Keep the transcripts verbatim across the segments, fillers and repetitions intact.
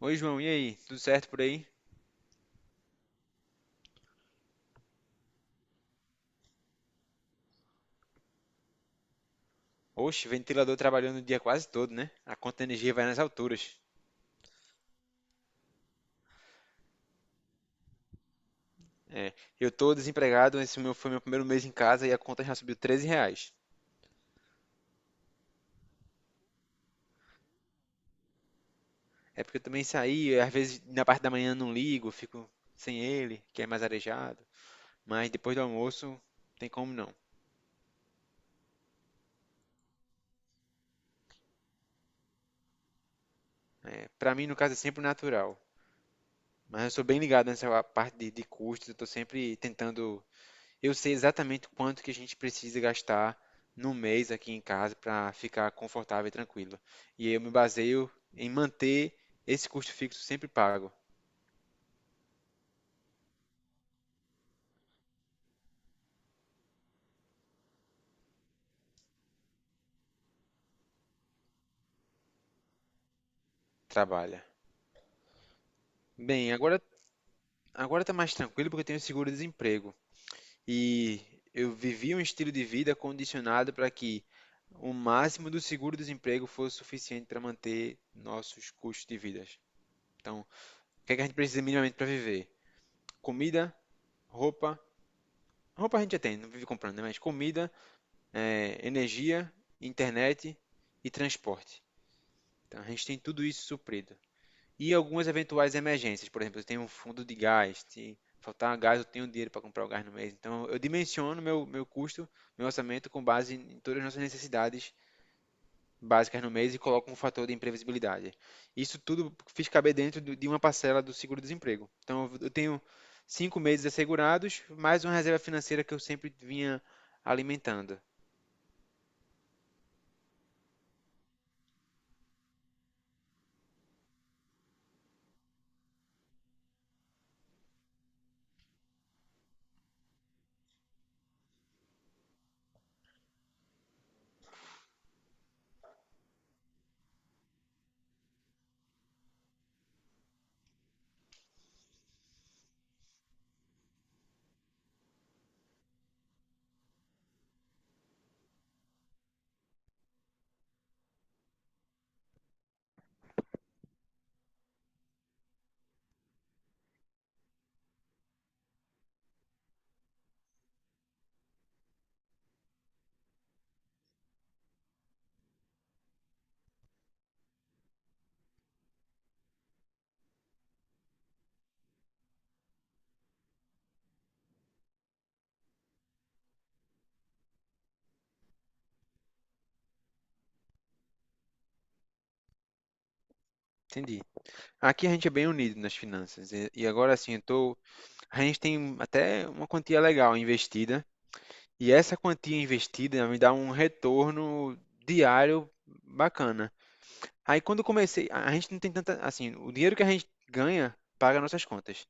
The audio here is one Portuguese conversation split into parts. Oi, João, e aí? Tudo certo por aí? Oxe, ventilador trabalhando o dia quase todo, né? A conta de energia vai nas alturas. É, eu tô desempregado, esse meu foi meu primeiro mês em casa e a conta já subiu treze reais. É porque eu também saí, às vezes na parte da manhã não ligo, fico sem ele, que é mais arejado. Mas depois do almoço, tem como não. É, pra mim, no caso, é sempre natural. Mas eu sou bem ligado nessa parte de, de custos, eu tô sempre tentando. Eu sei exatamente quanto que a gente precisa gastar no mês aqui em casa para ficar confortável e tranquilo. E eu me baseio em manter esse custo fixo sempre pago. Trabalha. Bem, agora agora tá mais tranquilo porque eu tenho seguro-desemprego e eu vivi um estilo de vida condicionado para que o máximo do seguro-desemprego fosse suficiente para manter nossos custos de vida. Então, o que é que a gente precisa minimamente para viver? Comida, roupa. Roupa a gente já tem, não vive comprando, né? Mas comida, é, energia, internet e transporte. Então, a gente tem tudo isso suprido. E algumas eventuais emergências, por exemplo, eu tenho um fundo de gás, se faltar gás, eu tenho dinheiro para comprar o gás no mês. Então, eu dimensiono meu, meu custo, meu orçamento com base em todas as nossas necessidades básicas no mês e coloco um fator de imprevisibilidade. Isso tudo fiz caber dentro de uma parcela do seguro-desemprego. Então, eu tenho cinco meses assegurados, mais uma reserva financeira que eu sempre vinha alimentando. Entendi. Aqui a gente é bem unido nas finanças. E e agora assim, eu tô... a gente tem até uma quantia legal investida. E essa quantia investida me dá um retorno diário bacana. Aí quando eu comecei, a a gente não tem tanta. Assim, o dinheiro que a gente ganha paga nossas contas.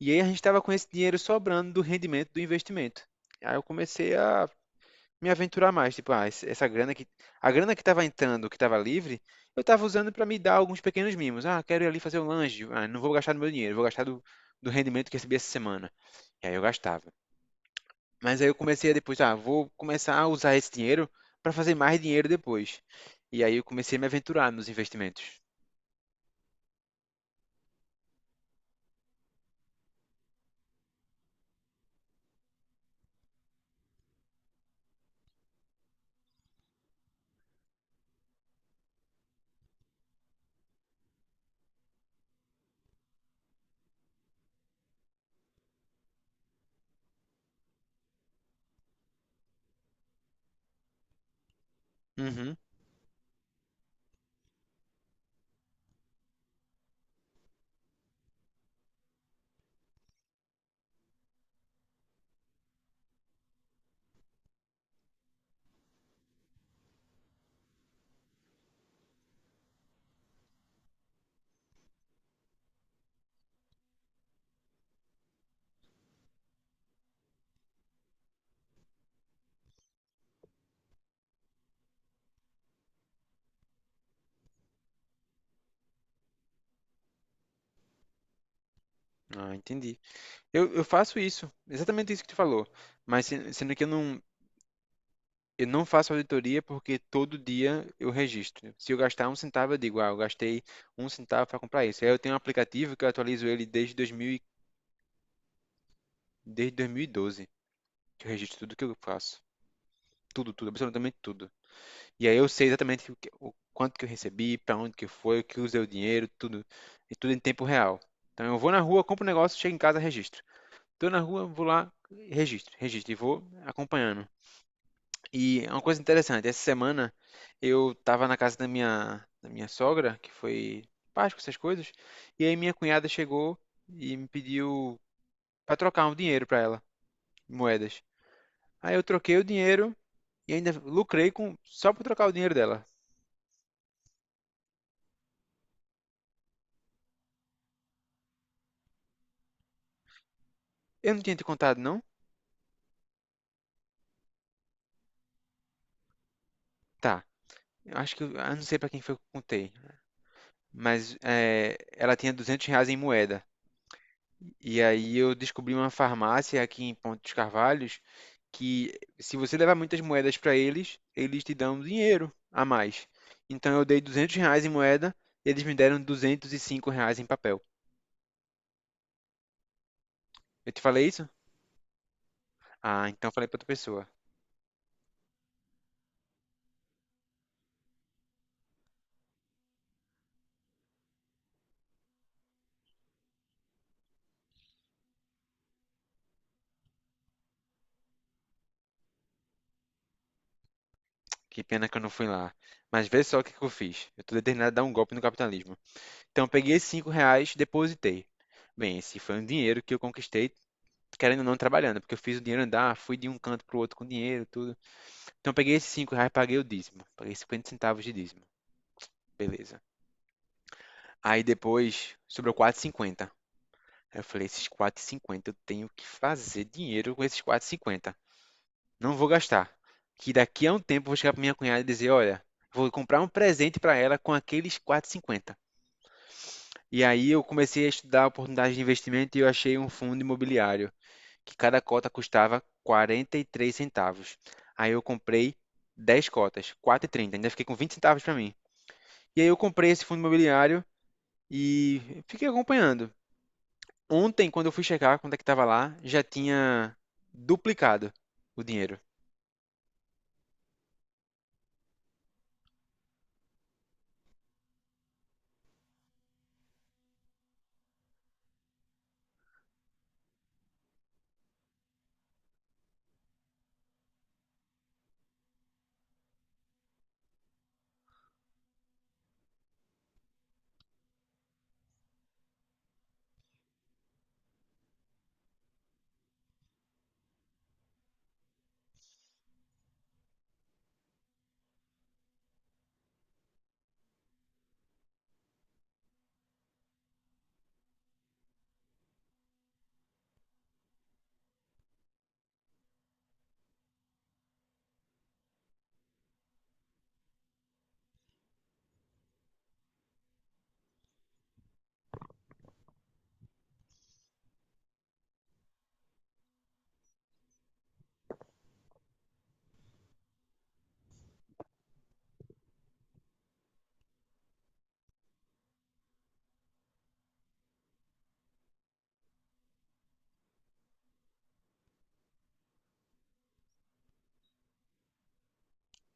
E aí a gente estava com esse dinheiro sobrando do rendimento do investimento. Aí eu comecei a me aventurar mais. Tipo, ah, esse- essa grana que a grana que estava entrando, que estava livre, eu estava usando para me dar alguns pequenos mimos. Ah, quero ir ali fazer um lanche. Ah, não vou gastar do meu dinheiro, vou gastar do, do rendimento que recebi essa semana. E aí eu gastava. Mas aí eu comecei a depois, ah, vou começar a usar esse dinheiro para fazer mais dinheiro depois. E aí eu comecei a me aventurar nos investimentos. Uhum. Ah, entendi. Eu, eu faço isso, exatamente isso que tu falou. Mas se- sendo que eu não, Eu não faço auditoria porque todo dia eu registro. Se eu gastar um centavo, eu digo, ah, eu gastei um centavo para comprar isso. Aí eu tenho um aplicativo que eu atualizo ele desde dois mil, e- desde dois mil e doze, que eu registro tudo que eu faço. Tudo, tudo, absolutamente tudo. E aí eu sei exatamente o, que- o quanto que eu recebi, para onde que foi, o que usei o dinheiro, tudo. E tudo em tempo real. Então eu vou na rua, compro um negócio, chego em casa, registro. Tô na rua, vou lá, registro, registro e vou acompanhando. E é uma coisa interessante, essa semana eu tava na casa da minha, da minha sogra, que foi Páscoa, essas coisas, e aí minha cunhada chegou e me pediu para trocar um dinheiro para ela, moedas. Aí eu troquei o dinheiro e ainda lucrei com só para trocar o dinheiro dela. Eu não tinha te contado, não? Tá. Eu acho que eu, eu não sei para quem foi que eu contei, mas é, ela tinha duzentos reais em moeda. E aí eu descobri uma farmácia aqui em Ponte dos Carvalhos que se você levar muitas moedas para eles, eles te dão um dinheiro a mais. Então eu dei duzentos reais em moeda, eles me deram duzentos e cinco reais em papel. Eu te falei isso? Ah, então eu falei para outra pessoa. Que pena que eu não fui lá. Mas vê só o que que eu fiz. Eu tô determinado a dar um golpe no capitalismo. Então eu peguei esses cinco reais, depositei. Bem, esse foi um dinheiro que eu conquistei, querendo ou não, trabalhando, porque eu fiz o dinheiro andar, fui de um canto pro outro com dinheiro, tudo. Então eu peguei esses cinco reais, paguei o dízimo. Paguei cinquenta centavos de dízimo. Beleza. Aí depois sobrou quatro e cinquenta. Aí eu falei, esses quatro e cinquenta eu tenho que fazer dinheiro com esses quatro e cinquenta. Não vou gastar. Que daqui a um tempo eu vou chegar pra minha cunhada e dizer, olha, vou comprar um presente para ela com aqueles quatro e cinquenta. E aí eu comecei a estudar oportunidades de investimento e eu achei um fundo imobiliário que cada cota custava quarenta e três centavos. Aí eu comprei dez cotas, quatro e trinta. Ainda fiquei com vinte centavos para mim. E aí eu comprei esse fundo imobiliário e fiquei acompanhando. Ontem, quando eu fui checar quanto é que estava lá, já tinha duplicado o dinheiro.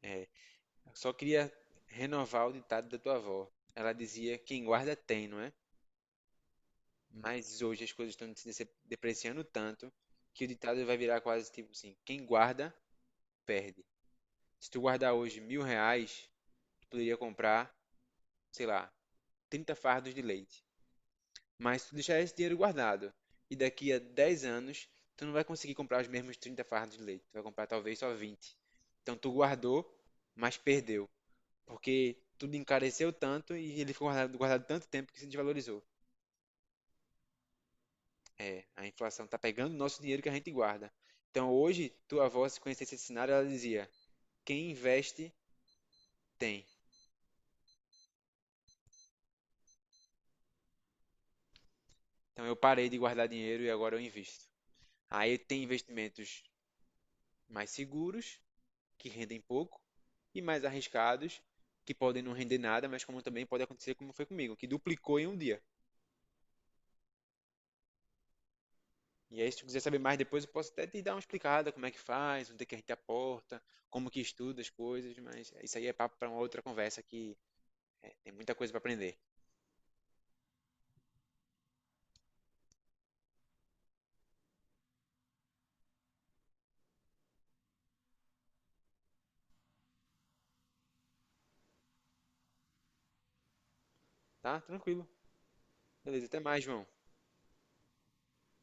É, eu só queria renovar o ditado da tua avó. Ela dizia: quem guarda tem, não é? Mas hoje as coisas estão se dece- depreciando tanto que o ditado vai virar quase tipo assim: quem guarda, perde. Se tu guardar hoje mil reais, tu poderia comprar, sei lá, trinta fardos de leite. Mas se tu deixar esse dinheiro guardado e daqui a dez anos, tu não vai conseguir comprar os mesmos trinta fardos de leite. Tu vai comprar talvez só vinte. Então tu guardou, mas perdeu. Porque tudo encareceu tanto e ele ficou guardado, guardado tanto tempo que se desvalorizou. É, a inflação tá pegando o nosso dinheiro que a gente guarda. Então hoje, tua avó, se conhecesse esse cenário, ela dizia: quem investe, tem. Então eu parei de guardar dinheiro e agora eu invisto. Aí tem investimentos mais seguros que rendem pouco, e mais arriscados, que podem não render nada, mas como também pode acontecer como foi comigo, que duplicou em um dia. E aí, se tu quiser saber mais depois, eu posso até te dar uma explicada como é que faz, onde é que a gente aporta, como que estuda as coisas, mas isso aí é papo para uma outra conversa que tem muita coisa para aprender. Tá? Tranquilo. Beleza, até mais, João.